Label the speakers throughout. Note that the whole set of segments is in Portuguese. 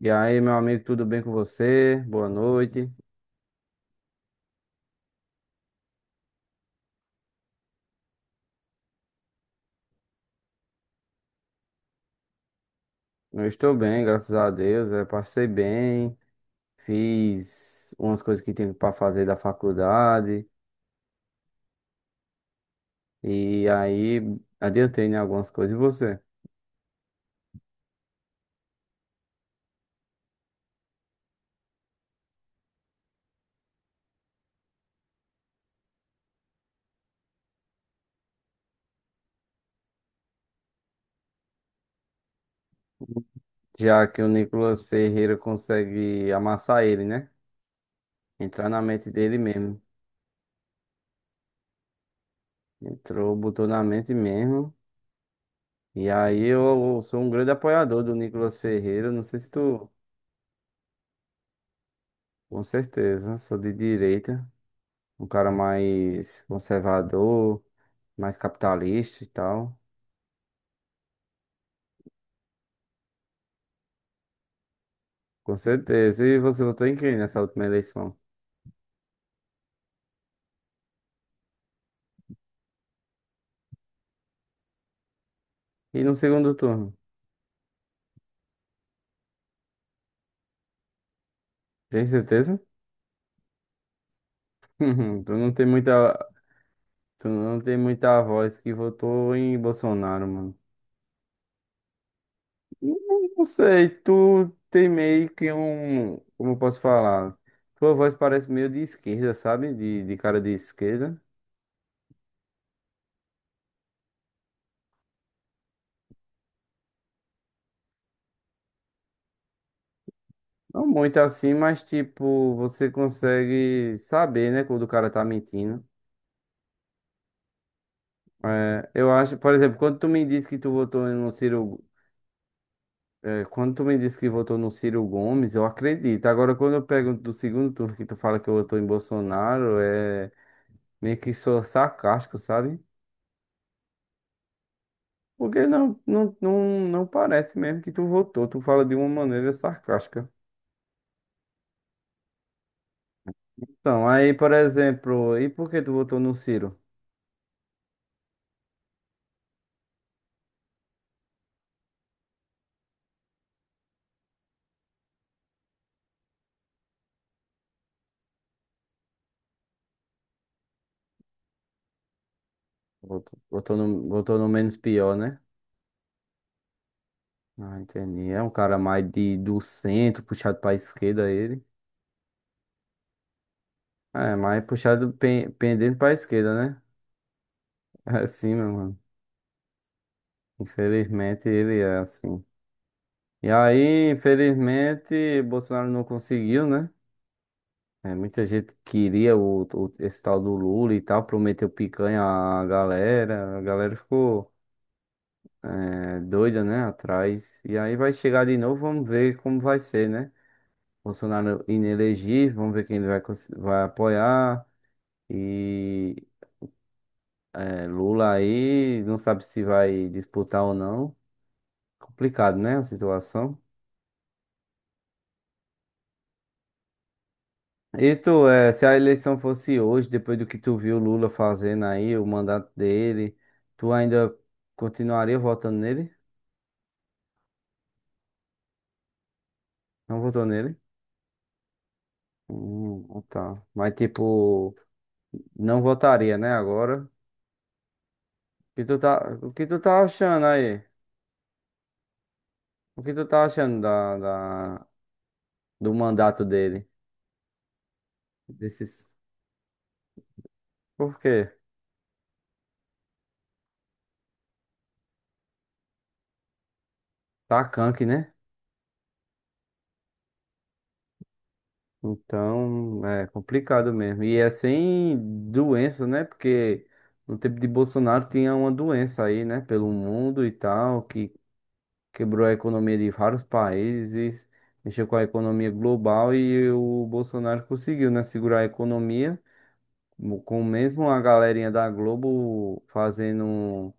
Speaker 1: E aí, meu amigo, tudo bem com você? Boa noite. Eu estou bem, graças a Deus. Eu passei bem, fiz umas coisas que tinha para fazer da faculdade e aí adiantei em algumas coisas. E você? Já que o Nicolas Ferreira consegue amassar ele, né? Entrar na mente dele mesmo. Entrou, botou na mente mesmo. E aí eu sou um grande apoiador do Nicolas Ferreira. Não sei se tu, com certeza, sou de direita, um cara mais conservador mais capitalista e tal. Com certeza. E você votou em quem nessa última eleição? E no segundo turno? Tem certeza? Tu não tem muita, tu não tem muita voz que votou em Bolsonaro, mano. Não não, sei, tu tem meio que um, como eu posso falar? Tua voz parece meio de esquerda, sabe? De cara de esquerda. Não muito assim, mas tipo, você consegue saber, né, quando o cara tá mentindo. É, eu acho, por exemplo, quando tu me disse que tu votou no Ciro. É, quando tu me disse que votou no Ciro Gomes, eu acredito. Agora, quando eu pergunto do segundo turno que tu fala que votou em Bolsonaro, é meio que sou sarcástico, sabe? Porque não parece mesmo que tu votou. Tu fala de uma maneira sarcástica. Então, aí, por exemplo, e por que tu votou no Ciro? Votou no menos pior, né? Ah, entendi. É um cara mais de, do centro, puxado pra esquerda ele. É, mais puxado, pendendo pra esquerda, né? É assim, meu mano. Infelizmente ele é assim. E aí, infelizmente, Bolsonaro não conseguiu, né? É, muita gente queria esse tal do Lula e tal, prometeu picanha à galera, a galera ficou é, doida, né? Atrás. E aí vai chegar de novo, vamos ver como vai ser, né? Bolsonaro inelegível, vamos ver quem ele vai, vai apoiar. E é, Lula aí não sabe se vai disputar ou não. Complicado, né? A situação. E tu, é, se a eleição fosse hoje, depois do que tu viu o Lula fazendo aí, o mandato dele, tu ainda continuaria votando nele? Não votou nele? Ah, tá. Mas tipo, não votaria, né, agora? O que tu tá achando aí? O que tu tá achando da- do mandato dele? Desses... Por quê? Tá canque, né? Então, é complicado mesmo. E é sem doença, né? Porque no tempo de Bolsonaro tinha uma doença aí, né? Pelo mundo e tal, que quebrou a economia de vários países, mexeu com a economia global e o Bolsonaro conseguiu, né? Segurar a economia, com mesmo a galerinha da Globo fazendo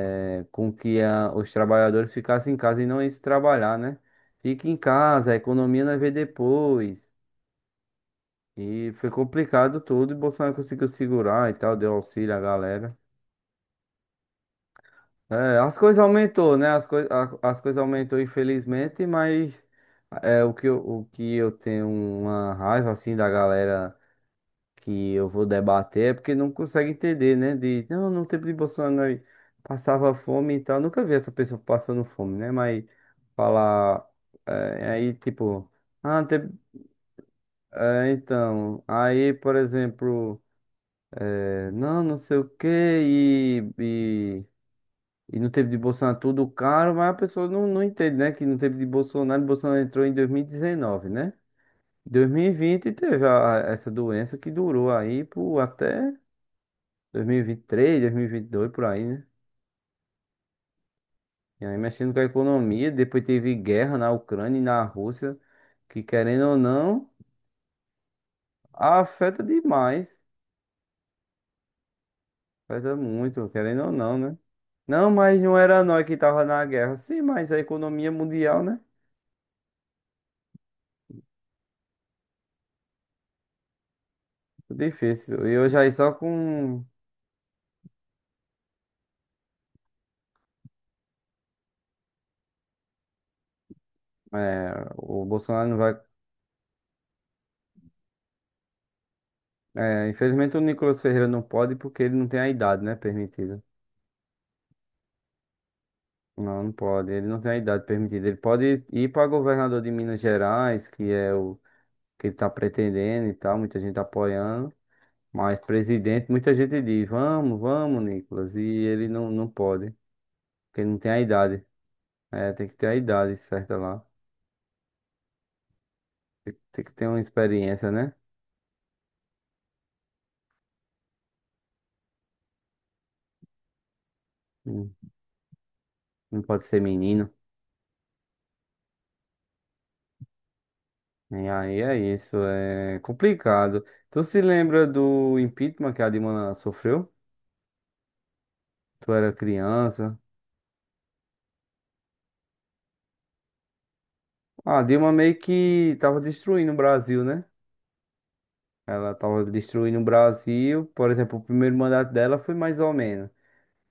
Speaker 1: é, com que os trabalhadores ficassem em casa e não iam se trabalhar, né? Fique em casa, a economia nós vê depois. E foi complicado tudo, e Bolsonaro conseguiu segurar e tal, deu auxílio à galera. É, as coisas aumentou, né? As, as coisas aumentou, infelizmente, mas é, o que eu tenho uma raiva, assim, da galera que eu vou debater é porque não consegue entender, né? Diz, não, no tempo de Bolsonaro passava fome e tal. Nunca vi essa pessoa passando fome, né? Mas falar, é, aí, tipo, ah, teve- é, então, aí, por exemplo... É, não, não sei o que e no tempo de Bolsonaro tudo caro, mas a pessoa não entende, né? Que no tempo de Bolsonaro, Bolsonaro entrou em 2019, né? 2020 teve essa doença que durou aí por até 2023, 2022, por aí, né? E aí mexendo com a economia, depois teve guerra na Ucrânia e na Rússia, que querendo ou não, afeta demais, afeta muito, querendo ou não, né? Não, mas não era nós que tava na guerra. Sim, mas a economia mundial, né? Difícil. E hoje aí só com. É, o Bolsonaro não vai. É, infelizmente o Nicolas Ferreira não pode porque ele não tem a idade, né? Permitida. Não pode. Ele não tem a idade permitida. Ele pode ir para governador de Minas Gerais, que é o que ele está pretendendo e tal. Muita gente apoiando. Mas presidente, muita gente diz: vamos, vamos, Nicolas. E ele não pode, porque ele não tem a idade. É, tem que ter a idade certa lá. Tem que ter uma experiência, né? Não não, pode ser menino. E aí é isso, é complicado. Tu se lembra do impeachment que a Dilma sofreu? Tu era criança. A Dilma meio que tava destruindo o Brasil, né? Ela tava destruindo o Brasil. Por exemplo, o primeiro mandato dela foi mais ou menos.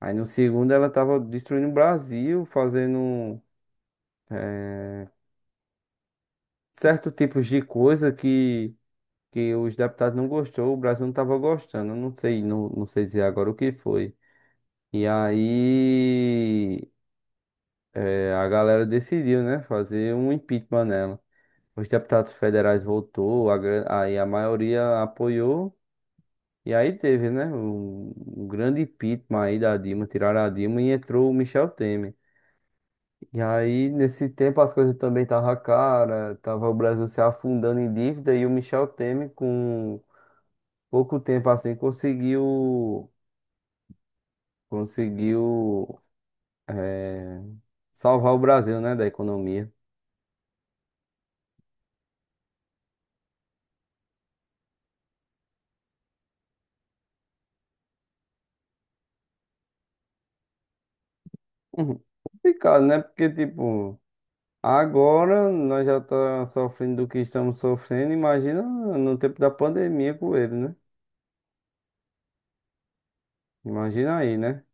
Speaker 1: Aí no segundo ela tava destruindo o Brasil, fazendo eh, certo tipos de coisa que os deputados não gostou, o Brasil não tava gostando. Eu não sei, não sei dizer agora o que foi. E aí. É, a galera decidiu, né, fazer um impeachment nela. Os deputados federais votou, a, aí a maioria apoiou, e aí teve, né, um grande impeachment aí da Dilma, tiraram a Dilma e entrou o Michel Temer. E aí, nesse tempo, as coisas também estavam cara, tava o Brasil se afundando em dívida, e o Michel Temer, com pouco tempo assim, conseguiu, é, salvar o Brasil, né, da economia. Uhum. Complicado, né, porque, tipo... Agora nós já estamos sofrendo do que estamos sofrendo. Imagina no tempo da pandemia com ele, né? Imagina aí, né?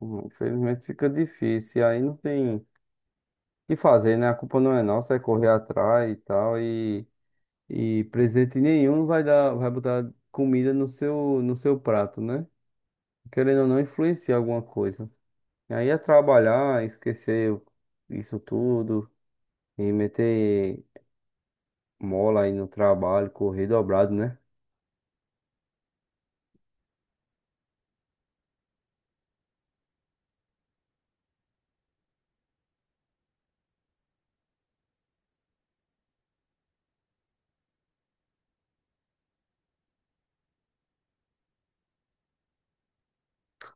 Speaker 1: Infelizmente fica difícil. E aí não tem o que fazer, né? A culpa não é nossa, é correr atrás e tal. E presente nenhum vai dar, vai botar comida no seu, no seu prato, né? Querendo ou não, influencia alguma coisa. E aí é trabalhar, esquecer isso tudo e meter mola aí no trabalho, correr dobrado, né?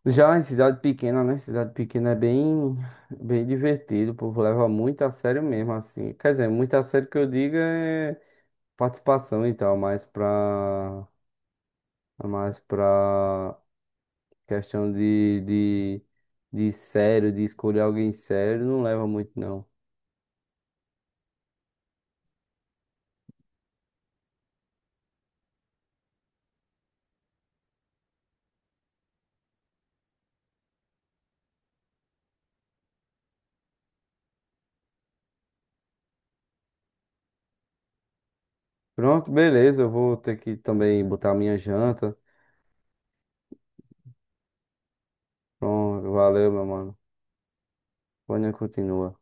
Speaker 1: Já em cidade pequena, né? Cidade pequena é bem, bem divertido, o povo leva muito a sério mesmo, assim. Quer dizer, muito a sério que eu digo é participação e tal, mas mais pra questão de sério, de escolher alguém sério, não leva muito, não. Pronto, beleza, eu vou ter que também botar minha janta. Pronto, valeu, meu mano. Amanhã continua.